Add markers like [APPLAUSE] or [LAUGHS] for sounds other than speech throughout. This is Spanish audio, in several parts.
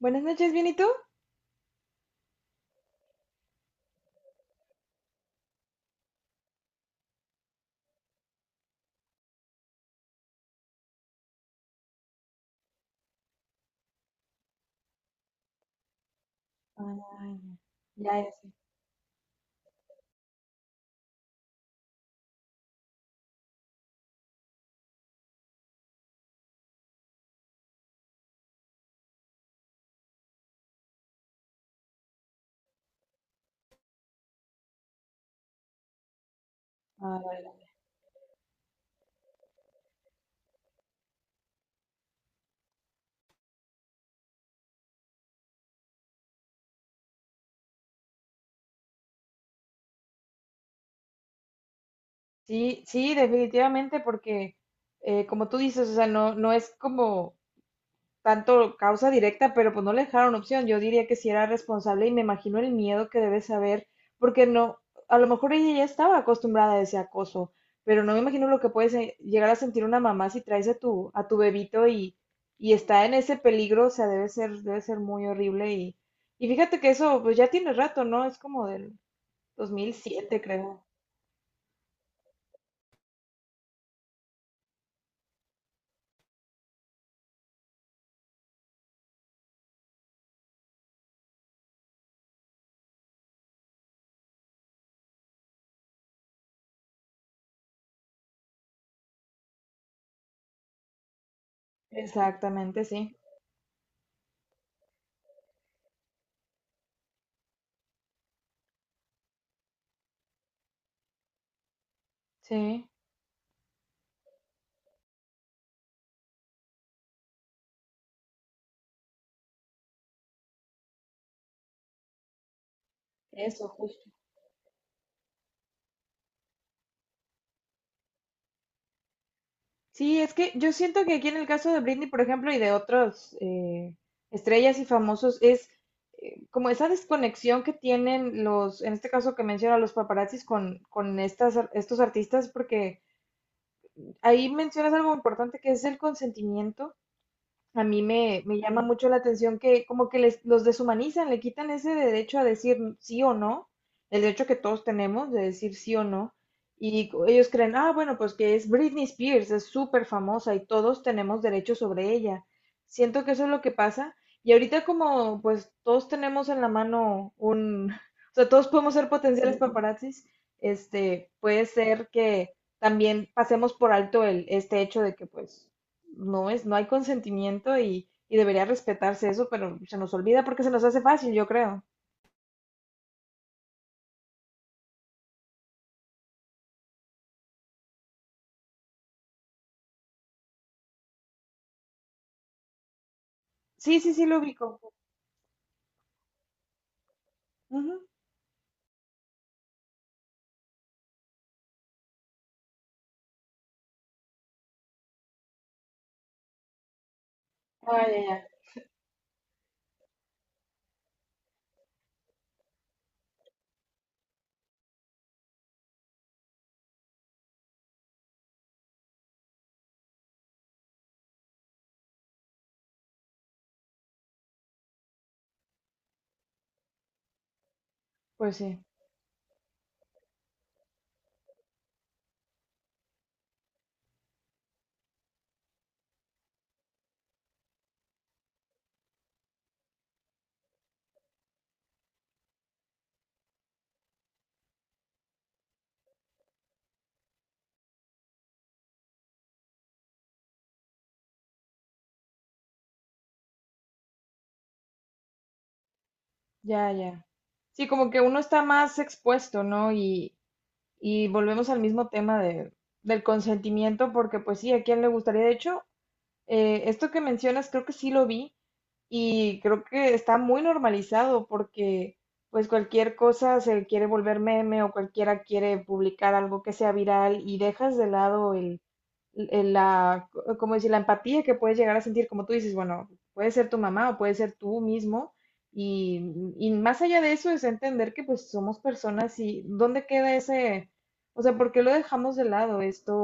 Buenas noches, ¿bien y tú? Ay, ya, ya sé. Ah, vale. Sí, sí, definitivamente, porque como tú dices, o sea, no, no es como tanto causa directa, pero pues no le dejaron opción. Yo diría que si era responsable y me imagino el miedo que debe saber, porque no, a lo mejor ella ya estaba acostumbrada a ese acoso, pero no me imagino lo que puede llegar a sentir una mamá si traes a tu bebito y, está en ese peligro, o sea, debe ser muy horrible y fíjate que eso pues ya tiene rato, ¿no? Es como del 2007, creo. Exactamente, sí. Sí. Sí, es que yo siento que aquí en el caso de Britney, por ejemplo, y de otros estrellas y famosos, es como esa desconexión que tienen los, en este caso que menciona los paparazzis con estos artistas, porque ahí mencionas algo importante que es el consentimiento. A mí me llama mucho la atención que como que les, los deshumanizan, le quitan ese derecho a decir sí o no, el derecho que todos tenemos de decir sí o no. Ellos creen, ah, bueno, pues que es Britney Spears, es súper famosa y todos tenemos derecho sobre ella. Siento que eso es lo que pasa. Y ahorita como pues todos tenemos en la mano un, [LAUGHS] o sea, todos podemos ser potenciales paparazzis, este, puede ser que también pasemos por alto el, este hecho de que pues no es, no hay consentimiento y, debería respetarse eso, pero se nos olvida porque se nos hace fácil, yo creo. Sí, sí, sí, lo ubico. Ujú. Ah, ya, ya. Pues sí, ya, ya. Sí, como que uno está más expuesto, ¿no? y, volvemos al mismo tema del consentimiento, porque pues sí, ¿a quién le gustaría? De hecho, esto que mencionas, creo que sí lo vi. Y creo que está muy normalizado porque pues cualquier cosa se quiere volver meme o cualquiera quiere publicar algo que sea viral y dejas de lado el la, como decir, la empatía que puedes llegar a sentir, como tú dices, bueno, puede ser tu mamá o puede ser tú mismo, y, y, más allá de eso es entender que pues somos personas y dónde queda ese, o sea, ¿por qué lo dejamos de lado esto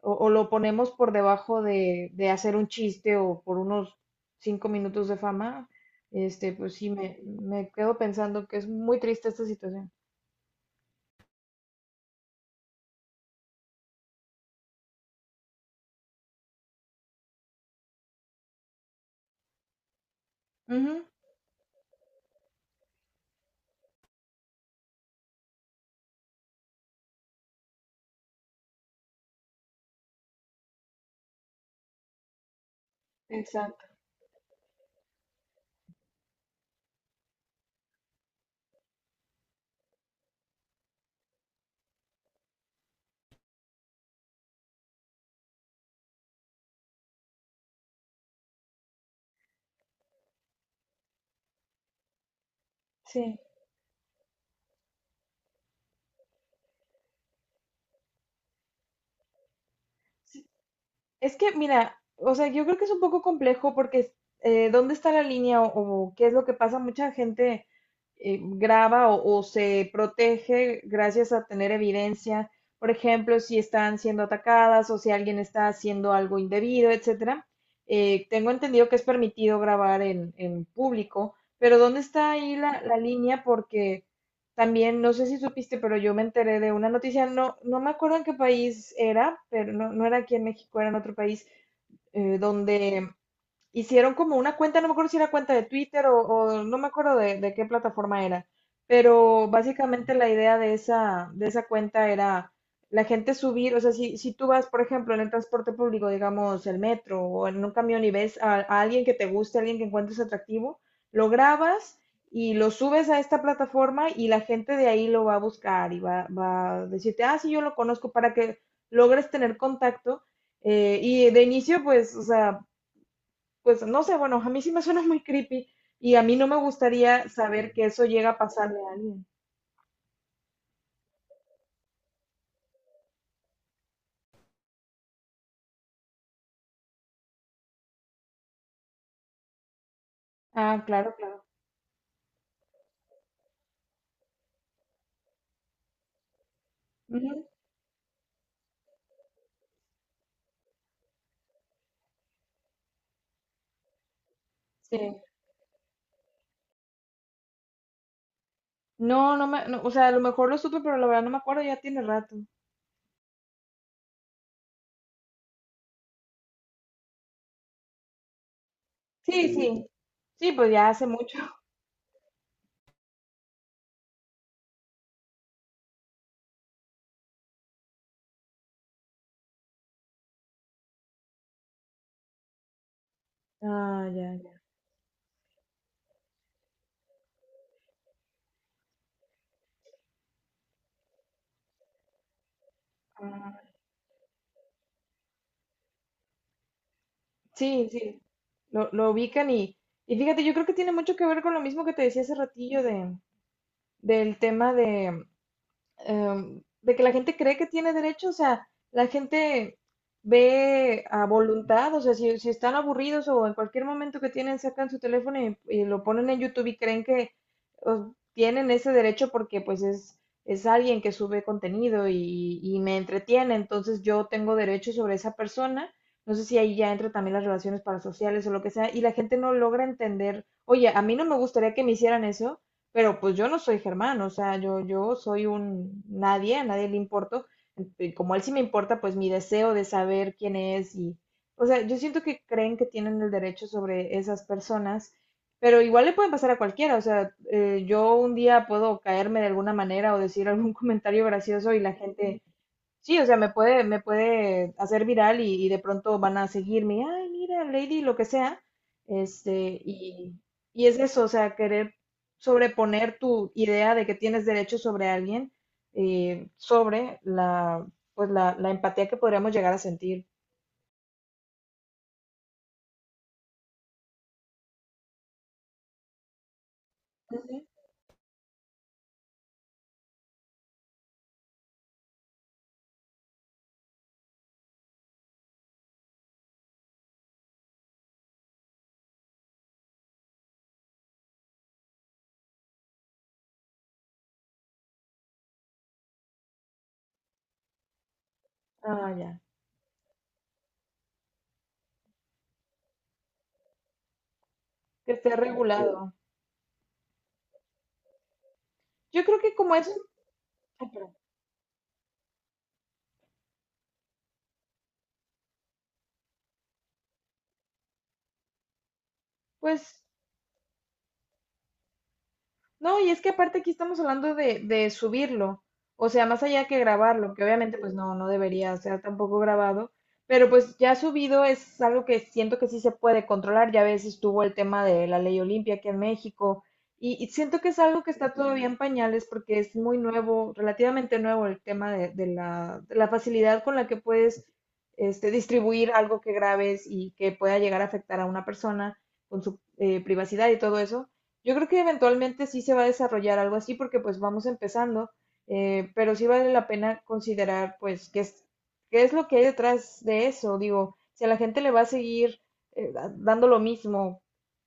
o lo ponemos por debajo de hacer un chiste o por unos 5 minutos de fama? Pues sí, me quedo pensando que es muy triste esta situación. Ujú. Exacto, sí. Es que, mira, o sea, yo creo que es un poco complejo porque ¿dónde está la línea o qué es lo que pasa? Mucha gente graba o se protege gracias a tener evidencia, por ejemplo, si están siendo atacadas o si alguien está haciendo algo indebido, etcétera. Tengo entendido que es permitido grabar en público, pero ¿dónde está ahí la línea? Porque también, no sé si supiste, pero yo me enteré de una noticia, no, no me acuerdo en qué país era, pero no, no era aquí en México, era en otro país, donde hicieron como una cuenta, no me acuerdo si era cuenta de Twitter o no me acuerdo de qué plataforma era, pero básicamente la idea de esa cuenta era la gente subir, o sea, si tú vas, por ejemplo, en el transporte público, digamos, el metro o en un camión y ves a alguien que te guste, a alguien que encuentres atractivo, lo grabas y lo subes a esta plataforma y la gente de ahí lo va a buscar y va a decirte, ah, sí, yo lo conozco para que logres tener contacto. Y de inicio, pues, o sea, pues no sé, bueno, a mí sí me suena muy creepy y a mí no me gustaría saber que eso llega a pasarle a alguien. Ah, claro, claro. Ujú, sí. No, no me, no, o sea, a lo mejor lo supe, pero la verdad no me acuerdo, ya tiene rato. Sí, sí, sí, pues ya hace mucho. Ah, ya, ya. Ah, sí, sí, lo ubican y, fíjate, yo creo que tiene mucho que ver con lo mismo que te decía hace ratillo del tema de, de que la gente cree que tiene derecho, o sea, la gente ve a voluntad, o sea, si están aburridos o en cualquier momento que tienen, sacan su teléfono y, lo ponen en YouTube y creen que tienen ese derecho porque pues es alguien que sube contenido y me entretiene, entonces yo tengo derecho sobre esa persona. No sé si ahí ya entra también las relaciones parasociales o lo que sea, y la gente no logra entender, oye, a mí no me gustaría que me hicieran eso, pero pues yo no soy Germán, o sea, yo soy un nadie, a nadie le importo. Y como él sí me importa, pues mi deseo de saber quién es y, o sea, yo siento que creen que tienen el derecho sobre esas personas, pero igual le pueden pasar a cualquiera, o sea, yo un día puedo caerme de alguna manera o decir algún [LAUGHS] comentario gracioso y la gente. Sí, o sea, me puede hacer viral y, de pronto van a seguirme, ay, mira, Lady, lo que sea. Este, y, y es eso, o sea, querer sobreponer tu idea de que tienes derecho sobre alguien, sobre pues la empatía que podríamos llegar a sentir. Ujú. Ah, ya, que esté regulado. Yo creo que como es, Ay, perdón. Pues no, y es que aparte aquí estamos hablando de, subirlo, o sea, más allá que grabarlo, que obviamente pues no, no debería ser tampoco grabado, pero pues ya subido es algo que siento que sí se puede controlar, ya a veces estuvo el tema de la ley Olimpia aquí en México, y siento que es algo que está todavía en pañales porque es muy nuevo, relativamente nuevo el tema de, de la facilidad con la que puedes distribuir algo que grabes y que pueda llegar a afectar a una persona con su privacidad y todo eso. Yo creo que eventualmente sí se va a desarrollar algo así porque pues vamos empezando, pero sí vale la pena considerar pues qué es lo que hay detrás de eso. Digo, si a la gente le va a seguir dando lo mismo,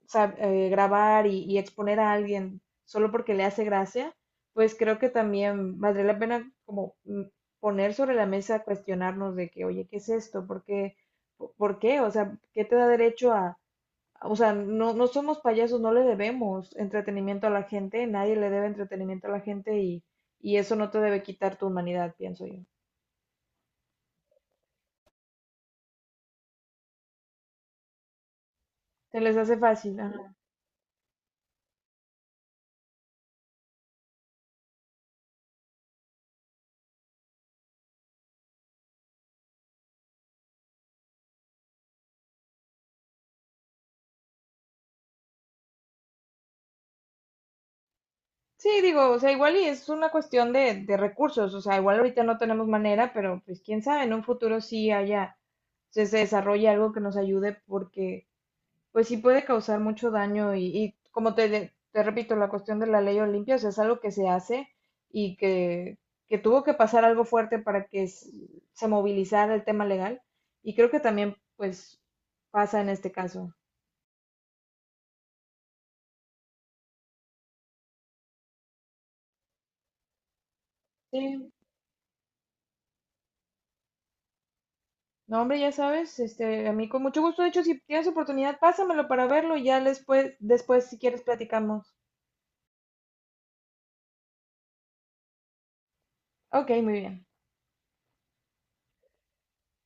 grabar y, exponer a alguien solo porque le hace gracia, pues creo que también valdría la pena como poner sobre la mesa, cuestionarnos de que, oye, ¿qué es esto? ¿Por qué? ¿Por qué? O sea, ¿qué te da derecho a o sea, no, no somos payasos, no le debemos entretenimiento a la gente, nadie le debe entretenimiento a la gente y, eso no te debe quitar tu humanidad, pienso yo. Se les hace fácil. Ajá. Sí, digo, o sea, igual y es una cuestión de recursos, o sea, igual ahorita no tenemos manera, pero pues quién sabe, en un futuro sí haya, se desarrolle algo que nos ayude porque pues sí puede causar mucho daño y como te repito, la cuestión de la ley Olimpia, o sea, es algo que se hace y que tuvo que pasar algo fuerte para que se movilizara el tema legal y creo que también pues pasa en este caso. Sí, no hombre, ya sabes, a mí con mucho gusto, de hecho, si tienes oportunidad, pásamelo para verlo y ya después si quieres platicamos. Ok, muy bien.